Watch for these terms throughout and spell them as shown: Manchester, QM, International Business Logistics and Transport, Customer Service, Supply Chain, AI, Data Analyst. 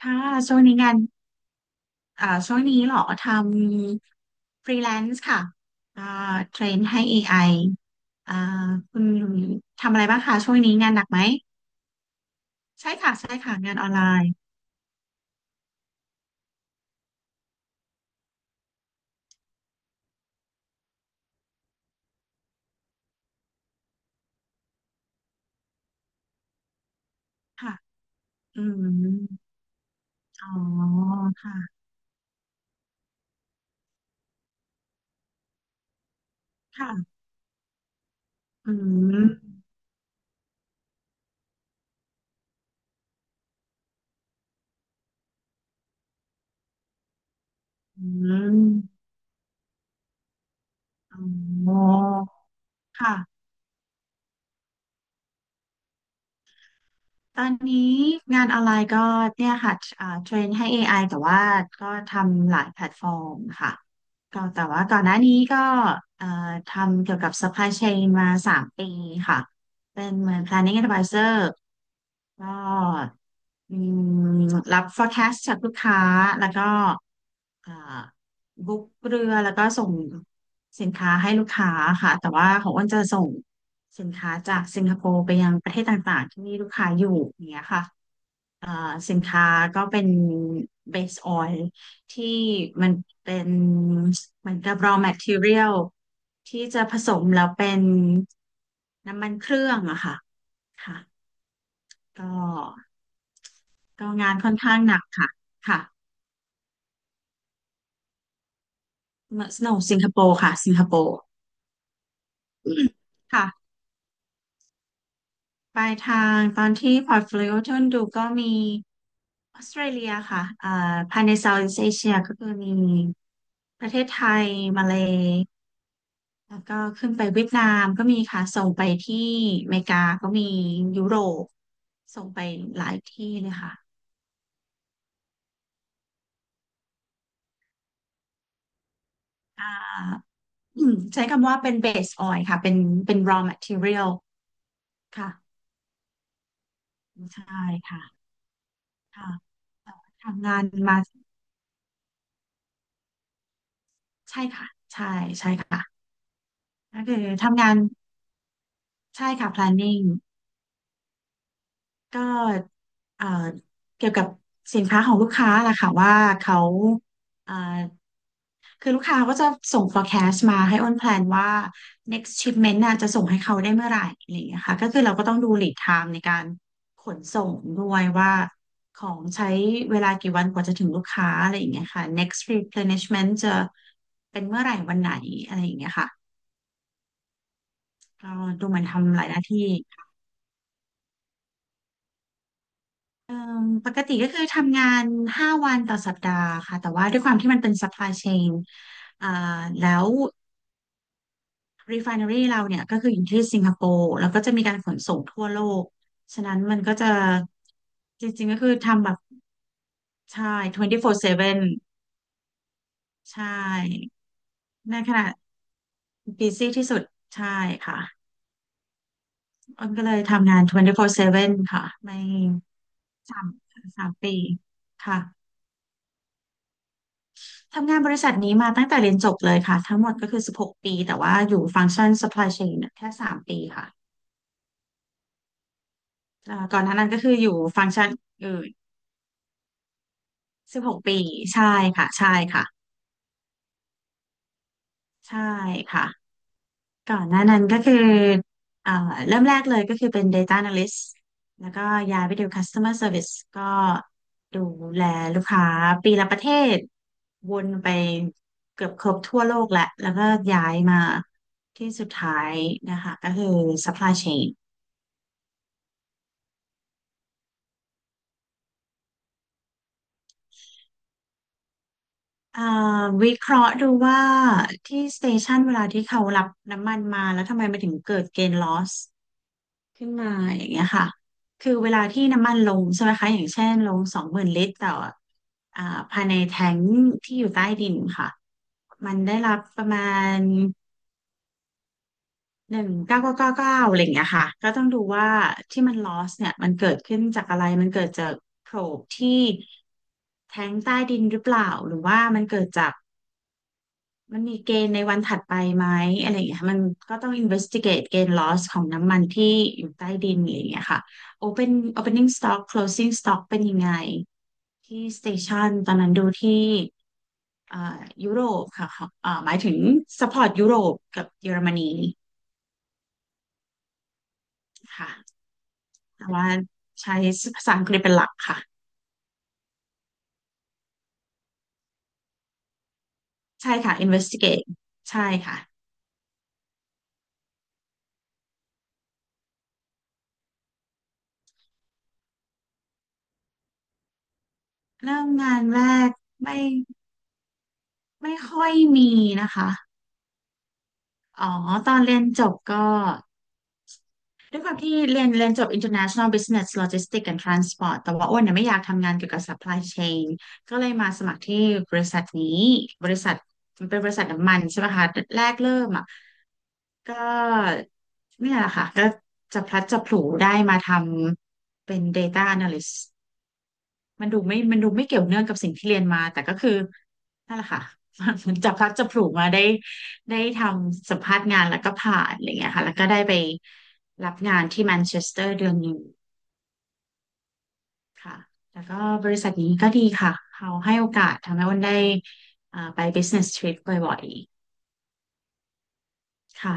ค่ะช่วงนี้งานช่วงนี้เหรอ ทำฟรีแลนซ์ค่ะอ่าเทรนให้ AI อไออ่าคุณทำอะไรบ้างคะช่วงนี้งานหนักไหม ใช่ค่ะ ใช่ค่ะ งานออนไลน์ ค่ะ อืมอ๋อ ค่ะค่ะอืมอืมอ๋อ ค่ะ ตอนนี้งานออนไลน์ก็เนี่ยค่ะเทรนให้ AI แต่ว่าก็ทำหลายแพลตฟอร์มค่ะก็แต่ว่าก่อนหน้านี้ก็เอ่อทำเกี่ยวกับ supply chain มา3 ปีค่ะเป็นเหมือน planning advisor ก็อืมรับ forecast จากลูกค้าแล้วก็ อ่าบุ๊กเรือแล้วก็ส่งสินค้าให้ลูกค้าค่ะแต่ว่าของอ้นจะส่งสินค้าจากสิงคโปร์ไปยังประเทศต่างๆที่มีลูกค้าอยู่อย่างเงี้ยค่ะอ่าสินค้าก็เป็นเบสออยล์ที่มันเป็นเหมือนกับ raw material ที่จะผสมแล้วเป็นน้ำมันเครื่องอะค่ะค่ะก็ก็งานค่อนข้างหนักค่ะค่ะ Snow สิงคโปร์ค่ะสิงคโปร์ค่ะ ปลายทางตอนที่พอร์ตโฟลิโอที่ดูก็มีออสเตรเลียค่ะภายใน Southeast Asia ก็คือมีประเทศไทยมาเลแล้วก็ขึ้นไปเวียดนามก็มีค่ะส่งไปที่อเมริกาก็มียุโรปส่งไปหลายที่เลยค่ะอ่าอืมใช้คำว่าเป็น base oil ค่ะเป็น raw material ค่ะใช่ค่ะค่ะทำงานมาใช่ค่ะใช่ใช่ค่ะก็คือทำงานใช่ค่ะ planning ก็เอ่อเกี่ยวกับสินค้าของลูกค้าล่ะค่ะว่าเขาเอ่อคือลูกค้าก็จะส่ง forecast มาให้อ้นแพลนว่า next shipment น่ะจะส่งให้เขาได้เมื่อไหร่อะไรอย่างเงี้ยค่ะก็คือเราก็ต้องดู lead time ในการขนส่งด้วยว่าของใช้เวลากี่วันกว่าจะถึงลูกค้าอะไรอย่างเงี้ยค่ะ next replenishment จะเป็นเมื่อไหร่วันไหนอะไรอย่างเงี้ยค่ะก็ดูเหมันทำหลายหน้าที่ เอ่มปกติก็คือทำงาน5 วันต่อสัปดาห์ค่ะแต่ว่าด้วยความที่มันเป็น supply chain อ่าแล้ว refinery เราเนี่ยก็คืออยู่ที่สิงคโปร์แล้วก็จะมีการขนส่งทั่วโลกฉะนั้นมันก็จะจริงๆก็คือทำแบบใช่24/7ใช่ในขณะ busy ที่สุดใช่ค่ะอ้นก็เลยทำงาน24/7ค่ะไม่สามสามปีค่ะ ทำงานบริษัทนี้มาตั้งแต่เรียนจบเลยค่ะทั้งหมดก็คือ16ปีแต่ว่าอยู่ฟังก์ชัน supply chain เนี่ยแค่3ปีค่ะก่อนหน้านั้นก็คืออยู่ฟังก์ชันอื่น16ปีใช่ค่ะใช่ค่ะใช่ค่ะ ก่อนหน้านั้นก็คือเอ่อเริ่มแรกเลยก็คือเป็น Data Analyst แล้วก็ย้ายไปดู Customer Service ก็ดูแลลูกค้าปีละประเทศวนไปเกือบครบทั่วโลกแหละ แล้วก็ย้ายมาที่สุดท้ายนะคะก็คือ Supply Chain เอ่อวิเคราะห์ดูว่าที่สเตชันเวลาที่เขารับน้ำมันมาแล้วทำไมมันถึงเกิด gain loss ขึ้นมาอย่างเงี้ยค่ะคือเวลาที่น้ำมันลงใช่ไหมคะอย่างเช่นลง20,000 ลิตรต่ออ่าภายในแทงค์ที่อยู่ใต้ดินค่ะมันได้รับประมาณ19,999อะไรอย่างเงี้ยค่ะก็ต้องดูว่าที่มัน loss เนี่ยมันเกิดขึ้นจากอะไรมันเกิดจากโพรบที่แทงค์ใต้ดินหรือเปล่า หรือว่ามันเกิดจาก มันมีเกณฑ์ในวันถัดไปไหมอะไรอย่างเงี้ยมันก็ต้อง investigate เกณฑ์ loss ของน้ำมันที่อยู่ใต้ดินอะไรอย่างเงี้ยค่ะ open opening stock closing stock เป็นยังไงที่ station ตอนนั้นดูที่เอ่อยุโรปค่ะค่ะหมายถึง support ยุโรปกับเยอรมนีค่ะแต่ว่าใช้ภาษาอังกฤษเป็นหลักค่ะใช่ค่ะ investigate ใช่ค่ะเริ่มงานแรกไม่ไม่ค่อยมีนะคะอ๋อตอนเรียนจบก็ ด้วยความที่เรียนจบ International Business Logistics and Transport แต่ว่าอ้วนเนี่ยไม่อยากทำงานเกี่ยวกับ supply chain ก็เลยมาสมัครที่บริษัทนี้บริษัทมันเป็นบริษัทน้ำมันใช่ไหมคะแรกเริ่มอ่ะก็เนี่ยแหละค่ะก็จะพลัดจะผลูได้มาทำเป็น Data Analyst มันดูไม่เกี่ยวเนื่องกับสิ่งที่เรียนมาแต่ก็คือนั่นแหละค่ะ เหมันจับพลัดจับผลูมาได้ได้ทำสัมภาษณ์งานแล้วก็ผ่านอะไรเงี้ยค่ะแล้วก็ได้ไปรับงานที่แมนเชสเตอร์เดือนหนึ่งค่ะ แล้วก็บริษัทนี้ก็ดีค่ะ เขาให้โอกาสทำให้อ้นได้ไป business trip บ่อยๆ ค่ะ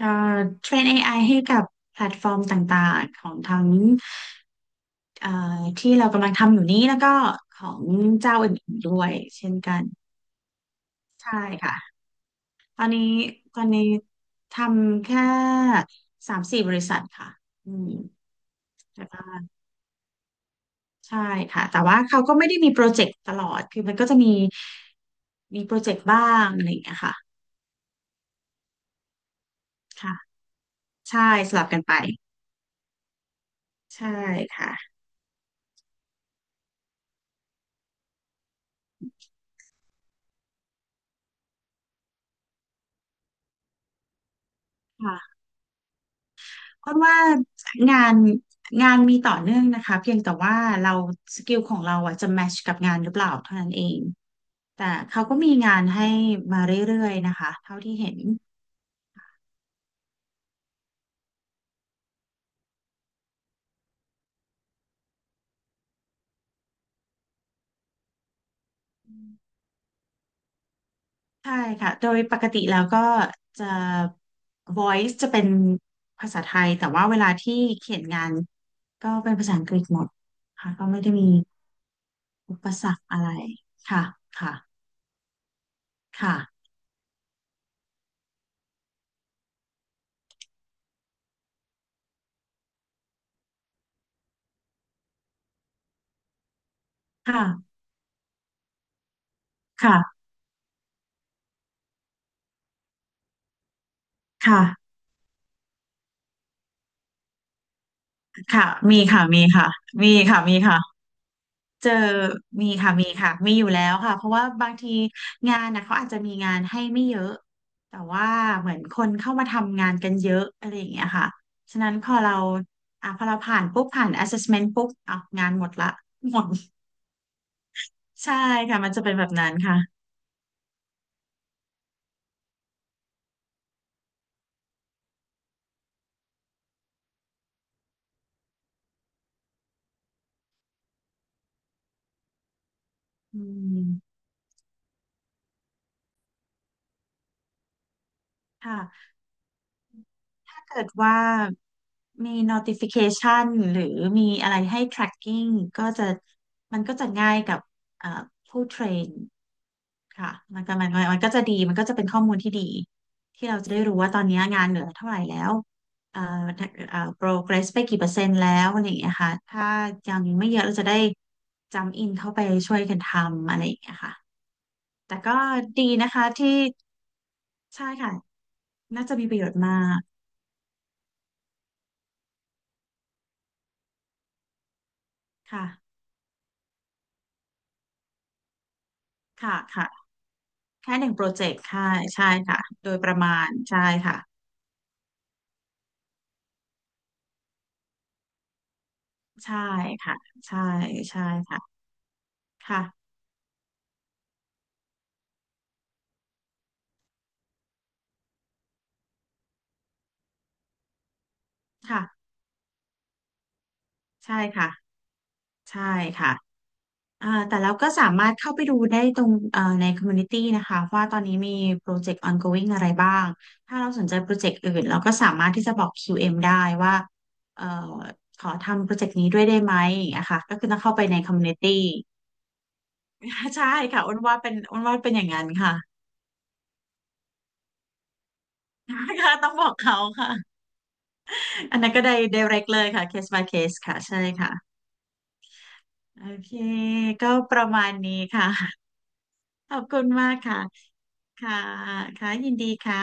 ก็เทรน AI ให้กับแพลตฟอร์มต่างๆ ของทั้งเอ่อที่เรากำลังทำอยู่นี้แล้วก็ของเจ้าอื่นๆด้วยเช่นกัน ใช่ค่ะตอนนี้ตอนนี้ทำแค่สามสี่บริษัทค่ะอืมแต่ว่าใช่ค่ะแต่ว่าเขาก็ไม่ได้มีโปรเจกต์ตลอดคือมันก็จะมีโปรเจกต์บ้างอะไรอย่างเงี้ยค่ะค่ะใช่สลับกันไปใช่ค่ะค่ะอ้นว่างานงานมีต่อเนื่องนะคะเพียงแต่ว่าเราสกิลของเราอ่ะจะแมชกับงานหรือเปล่าเท่านั้นเองแต่เขาก็มีงานให้มาเรื่อยๆนะคะเท่าที่เห็น ใช่ค่ะ โดยปกติแล้วก็จะ voice จะเป็นภาษาไทย แต่ว่าเวลาที่เขียนงานก็เป็นภาษาอังกฤษหมดค่ะ ก็ไม่ได้มีอุปสรรคอะไรค่ะค่ะ ค่ะ ค่ะ ค่ะ ค่ะ ค่ะ มีค่ะ มีค่ะ มีค่ะมีค่ะ เจอมีค่ะมีค่ะมีอยู่แล้วค่ะเพราะว่าบางทีงานนะเขาอาจจะมีงานให้ไม่เยอะแต่ว่าเหมือนคนเข้ามาทำงานกันเยอะอะไรอย่างเงี้ยค่ะฉะนั้นพอเราผ่านปุ๊บผ่าน assessment ปุ๊บอ่ะงานหมดละหมดใช่ค่ะมันจะเป็นแบบนั้นค่ะอืมค่ะถ้าเกิดว่ามี notification หรือมีอะไรให้ tracking ก็จะมันก็จะง่ายกับเอ่อผู้เทรน ค่ะมันก็จะดีมันก็จะเป็นข้อมูลที่ดีที่เราจะได้รู้ว่าตอนนี้งานเหลือเท่าไหร่แล้วเอ่อprogress ไปกี่เปอร์เซ็นต์แล้วอะไรอย่างเงี้ยค่ะถ้ายังไม่เยอะเราจะได้จำอินเข้าไปช่วยกันทำอะไรอย่างเงี้ยค่ะแต่ก็ดีนะคะที่ใช่ค่ะน่าจะมีประโยชน์มากค่ะค่ะค่ะแค่หนึ่งโปรเจกต์ค่ะใช่ค่ะโดยประมาณใช่ค่ะใช่ค่ะใช่ใช่ค่ะค่ะค่ะใช่ค่ะใช่ค่ะ อ่าแต่เราก็สามารถเข้าไปดูได้ตรงในคอมมูนิตี้นะคะว่าตอนนี้มีโปรเจกต์ ongoing อะไรบ้างถ้าเราสนใจโปรเจกต์อื่นเราก็สามารถที่จะบอก QM ได้ว่าเอ่อขอทำโปรเจกต์นี้ด้วยได้ไหมนะค่ะก็คือต้องเข้าไปในคอมมูนิตี้ ใช่ค่ะอ้นว่าเป็นอย่างนั้นค่ะ ค่ะต้องบอกเขาค่ะอันนั้นก็ได้ direct เลยค่ะ case by case ค่ะใช่ค่ะโอเคก็ประมาณนี้ค่ะ ขอบคุณมากค่ะค่ะค่ะยินดีค่ะ